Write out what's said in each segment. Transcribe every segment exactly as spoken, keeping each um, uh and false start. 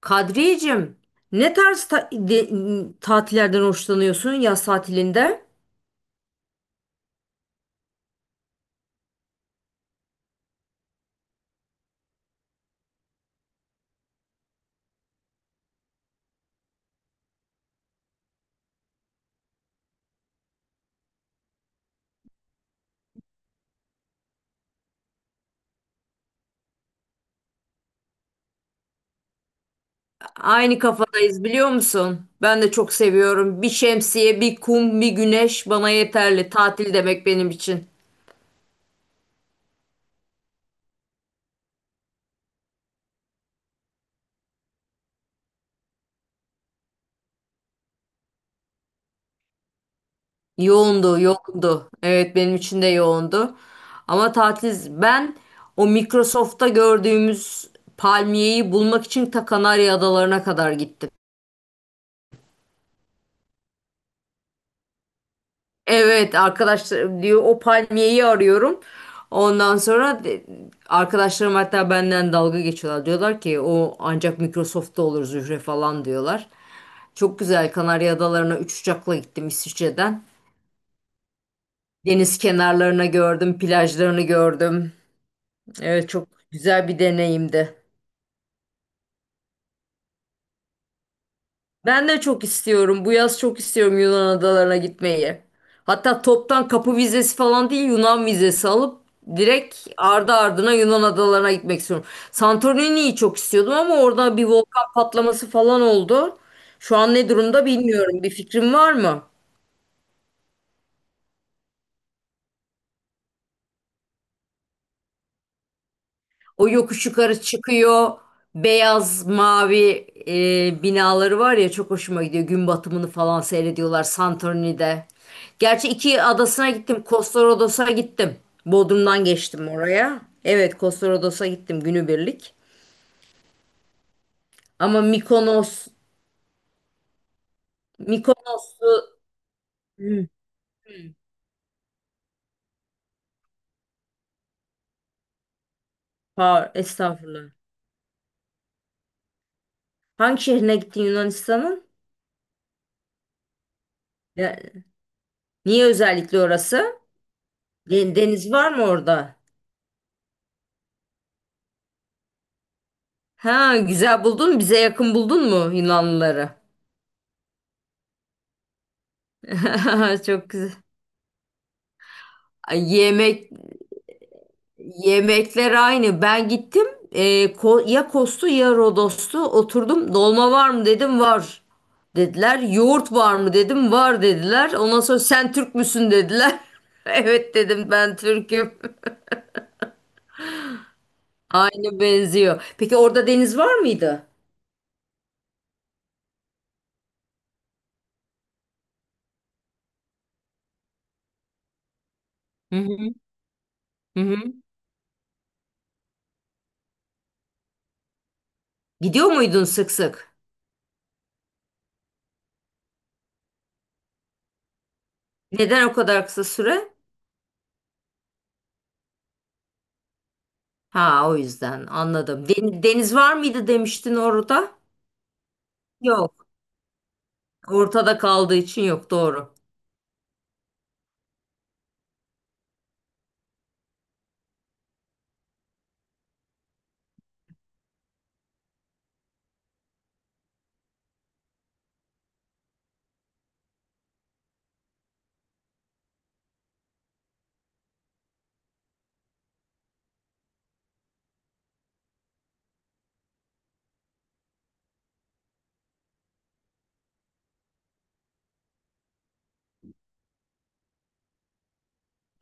Kadriyeciğim, ne tarz ta- de- tatillerden hoşlanıyorsun yaz tatilinde? Aynı kafadayız biliyor musun? Ben de çok seviyorum. Bir şemsiye, bir kum, bir güneş bana yeterli. Tatil demek benim için. Yoğundu, yoğundu. Evet benim için de yoğundu. Ama tatil, ben o Microsoft'ta gördüğümüz palmiyeyi bulmak için ta Kanarya Adalarına kadar gittim. Evet arkadaşlar, diyor o palmiyeyi arıyorum. Ondan sonra de- arkadaşlarım hatta benden dalga geçiyorlar. Diyorlar ki o ancak Microsoft'ta olur Zühre falan diyorlar. Çok güzel Kanarya Adaları'na üç uçakla gittim İsviçre'den. Deniz kenarlarına gördüm, plajlarını gördüm. Evet çok güzel bir deneyimdi. Ben de çok istiyorum. Bu yaz çok istiyorum Yunan adalarına gitmeyi. Hatta toptan kapı vizesi falan değil, Yunan vizesi alıp direkt ardı ardına Yunan adalarına gitmek istiyorum. Santorini'yi çok istiyordum ama orada bir volkan patlaması falan oldu. Şu an ne durumda bilmiyorum. Bir fikrin var mı? O yokuş yukarı çıkıyor. Beyaz mavi e, binaları var ya, çok hoşuma gidiyor. Gün batımını falan seyrediyorlar Santorini'de. Gerçi iki adasına gittim. Kosta Rodos'a gittim. Bodrum'dan geçtim oraya. Evet, Kosta Rodos'a gittim günübirlik. Ama Mikonos, Mikonos'u... Hı, par, estağfurullah. Hangi şehrine gittin Yunanistan'ın? Ya- Niye özellikle orası? De- Deniz var mı orada? Ha, güzel buldun. Bize yakın buldun mu Yunanlıları? Çok güzel. Ay, Yemek yemekler aynı. Ben gittim. e, Ko- ya Kostu ya Rodos'tu. Oturdum. Dolma var mı dedim, var dediler. Yoğurt var mı dedim, var dediler. Ondan sonra sen Türk müsün dediler. Evet dedim, ben Türk'üm. Aynı benziyor. Peki orada deniz var mıydı? Hı hı. Hı hı. Gidiyor muydun sık sık? Neden o kadar kısa süre? Ha, o yüzden anladım. Den- Deniz var mıydı demiştin orada? Yok. Ortada kaldığı için yok, doğru.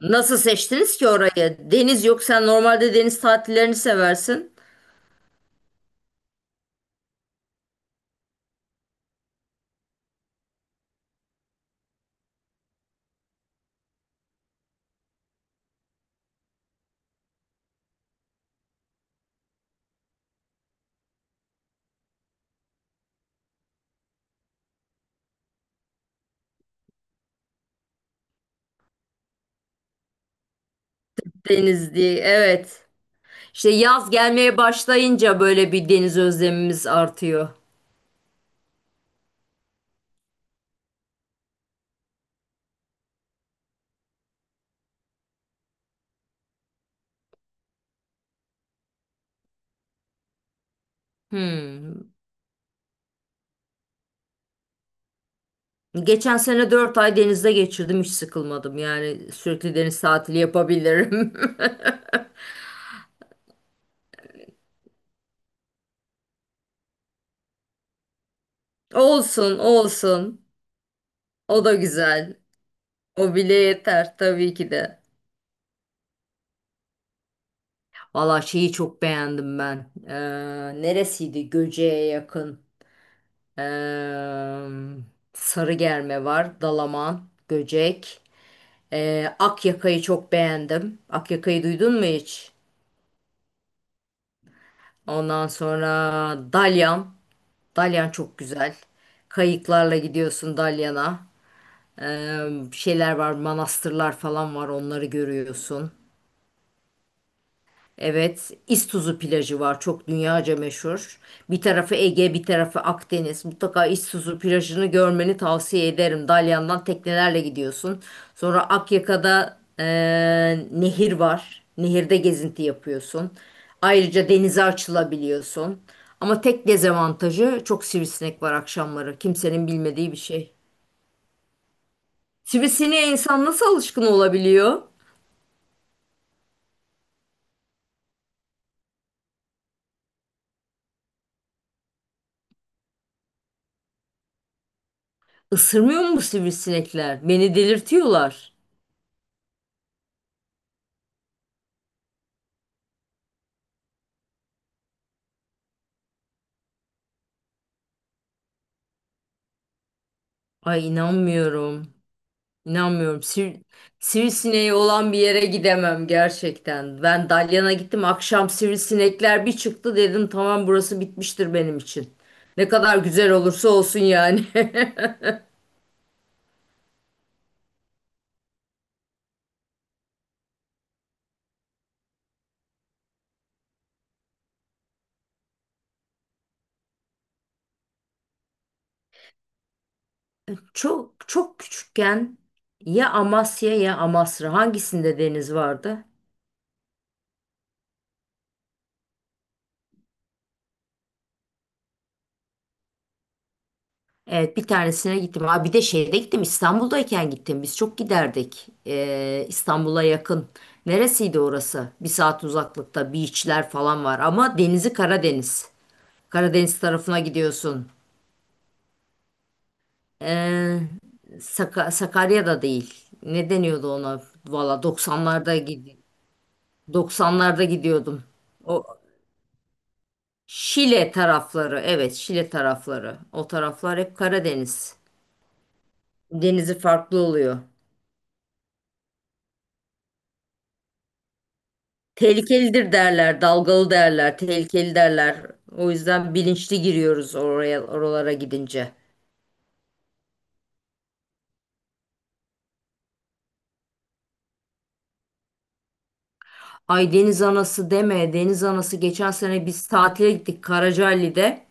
Nasıl seçtiniz ki orayı? Deniz yok. Sen normalde deniz tatillerini seversin. Deniz diye. Evet. İşte yaz gelmeye başlayınca böyle bir deniz özlemimiz artıyor. Hmm. Geçen sene dört ay denizde geçirdim. Hiç sıkılmadım. Yani sürekli deniz tatili yapabilirim. Olsun, olsun. O da güzel. O bile yeter tabii ki de. Valla şeyi çok beğendim ben. Ee, neresiydi? Göce'ye yakın. Ee, Sarıgerme var. Dalaman, Göcek. Ee, Akyaka'yı çok beğendim. Akyaka'yı duydun mu hiç? Ondan sonra Dalyan. Dalyan çok güzel. Kayıklarla gidiyorsun Dalyan'a. Ee, şeyler var, manastırlar falan var. Onları görüyorsun. Evet, İztuzu plajı var, çok dünyaca meşhur. Bir tarafı Ege, bir tarafı Akdeniz. Mutlaka İztuzu plajını görmeni tavsiye ederim. Dalyan'dan teknelerle gidiyorsun. Sonra Akyaka'da eee, nehir var. Nehirde gezinti yapıyorsun. Ayrıca denize açılabiliyorsun. Ama tek dezavantajı, çok sivrisinek var akşamları. Kimsenin bilmediği bir şey. Sivrisineğe insan nasıl alışkın olabiliyor? Isırmıyor mu bu sivrisinekler? Beni delirtiyorlar. Ay, inanmıyorum. İnanmıyorum. Sir, sivrisineği olan bir yere gidemem gerçekten. Ben Dalyan'a gittim. Akşam sivrisinekler bir çıktı, dedim tamam burası bitmiştir benim için. Ne kadar güzel olursa olsun yani. Çok çok küçükken ya Amasya ya Amasra, hangisinde deniz vardı? Evet, bir tanesine gittim. Aa, bir de şeyde gittim, İstanbul'dayken gittim. Biz çok giderdik. Ee, İstanbul'a yakın. Neresiydi orası? Bir saat uzaklıkta beachler falan var ama denizi Karadeniz. Karadeniz tarafına gidiyorsun. Ee, Saka- Sakarya'da değil. Ne deniyordu ona? Valla doksanlarda gidi doksanlarda gidiyordum. O Şile tarafları. Evet, Şile tarafları. O taraflar hep Karadeniz. Denizi farklı oluyor. Tehlikelidir derler, dalgalı derler, tehlikeli derler. O yüzden bilinçli giriyoruz oraya, oralara gidince. Ay, deniz anası deme, deniz anası geçen sene biz tatile gittik Karacaali'de.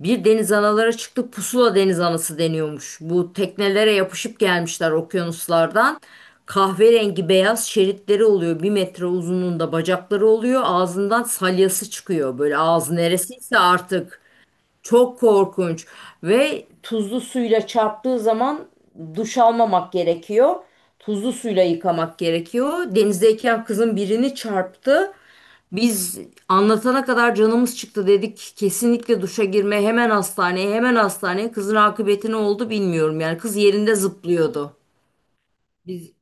Bir deniz analara çıktık, pusula deniz anası deniyormuş. Bu teknelere yapışıp gelmişler okyanuslardan. Kahverengi beyaz şeritleri oluyor. Bir metre uzunluğunda bacakları oluyor. Ağzından salyası çıkıyor. Böyle ağzı neresiyse artık. Çok korkunç ve tuzlu suyla çarptığı zaman duş almamak gerekiyor. Tuzlu suyla yıkamak gerekiyor. Denizdeyken kızın birini çarptı. Biz anlatana kadar canımız çıktı, dedik kesinlikle duşa girme, hemen hastaneye, hemen hastaneye. Kızın akıbeti ne oldu bilmiyorum. Yani kız yerinde zıplıyordu. Biz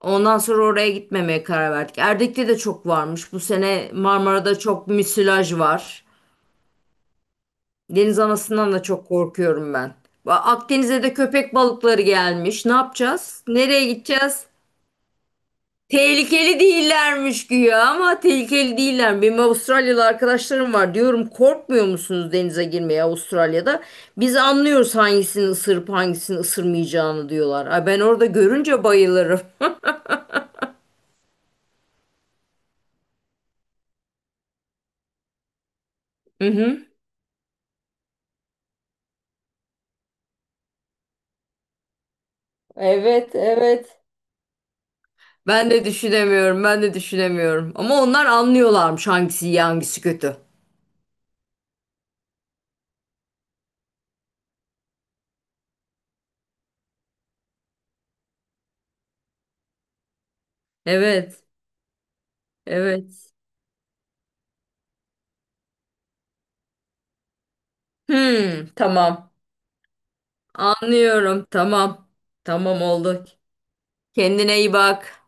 ondan sonra oraya gitmemeye karar verdik. Erdek'te de çok varmış. Bu sene Marmara'da çok müsilaj var. Deniz anasından da çok korkuyorum ben. Ba- Akdeniz'e de köpek balıkları gelmiş. Ne yapacağız? Nereye gideceğiz? Tehlikeli değillermiş güya, ama tehlikeli değiller. Benim Avustralyalı arkadaşlarım var. Diyorum, korkmuyor musunuz denize girmeye Avustralya'da? Biz anlıyoruz hangisini ısırıp hangisini ısırmayacağını, diyorlar. Ay, ben orada görünce bayılırım. Hı hı. Evet, evet. Ben de düşünemiyorum, ben de düşünemiyorum. Ama onlar anlıyorlarmış hangisi iyi, hangisi kötü. Evet, evet. Hmm, tamam. Anlıyorum. Tamam. Tamam oldu. Kendine iyi bak.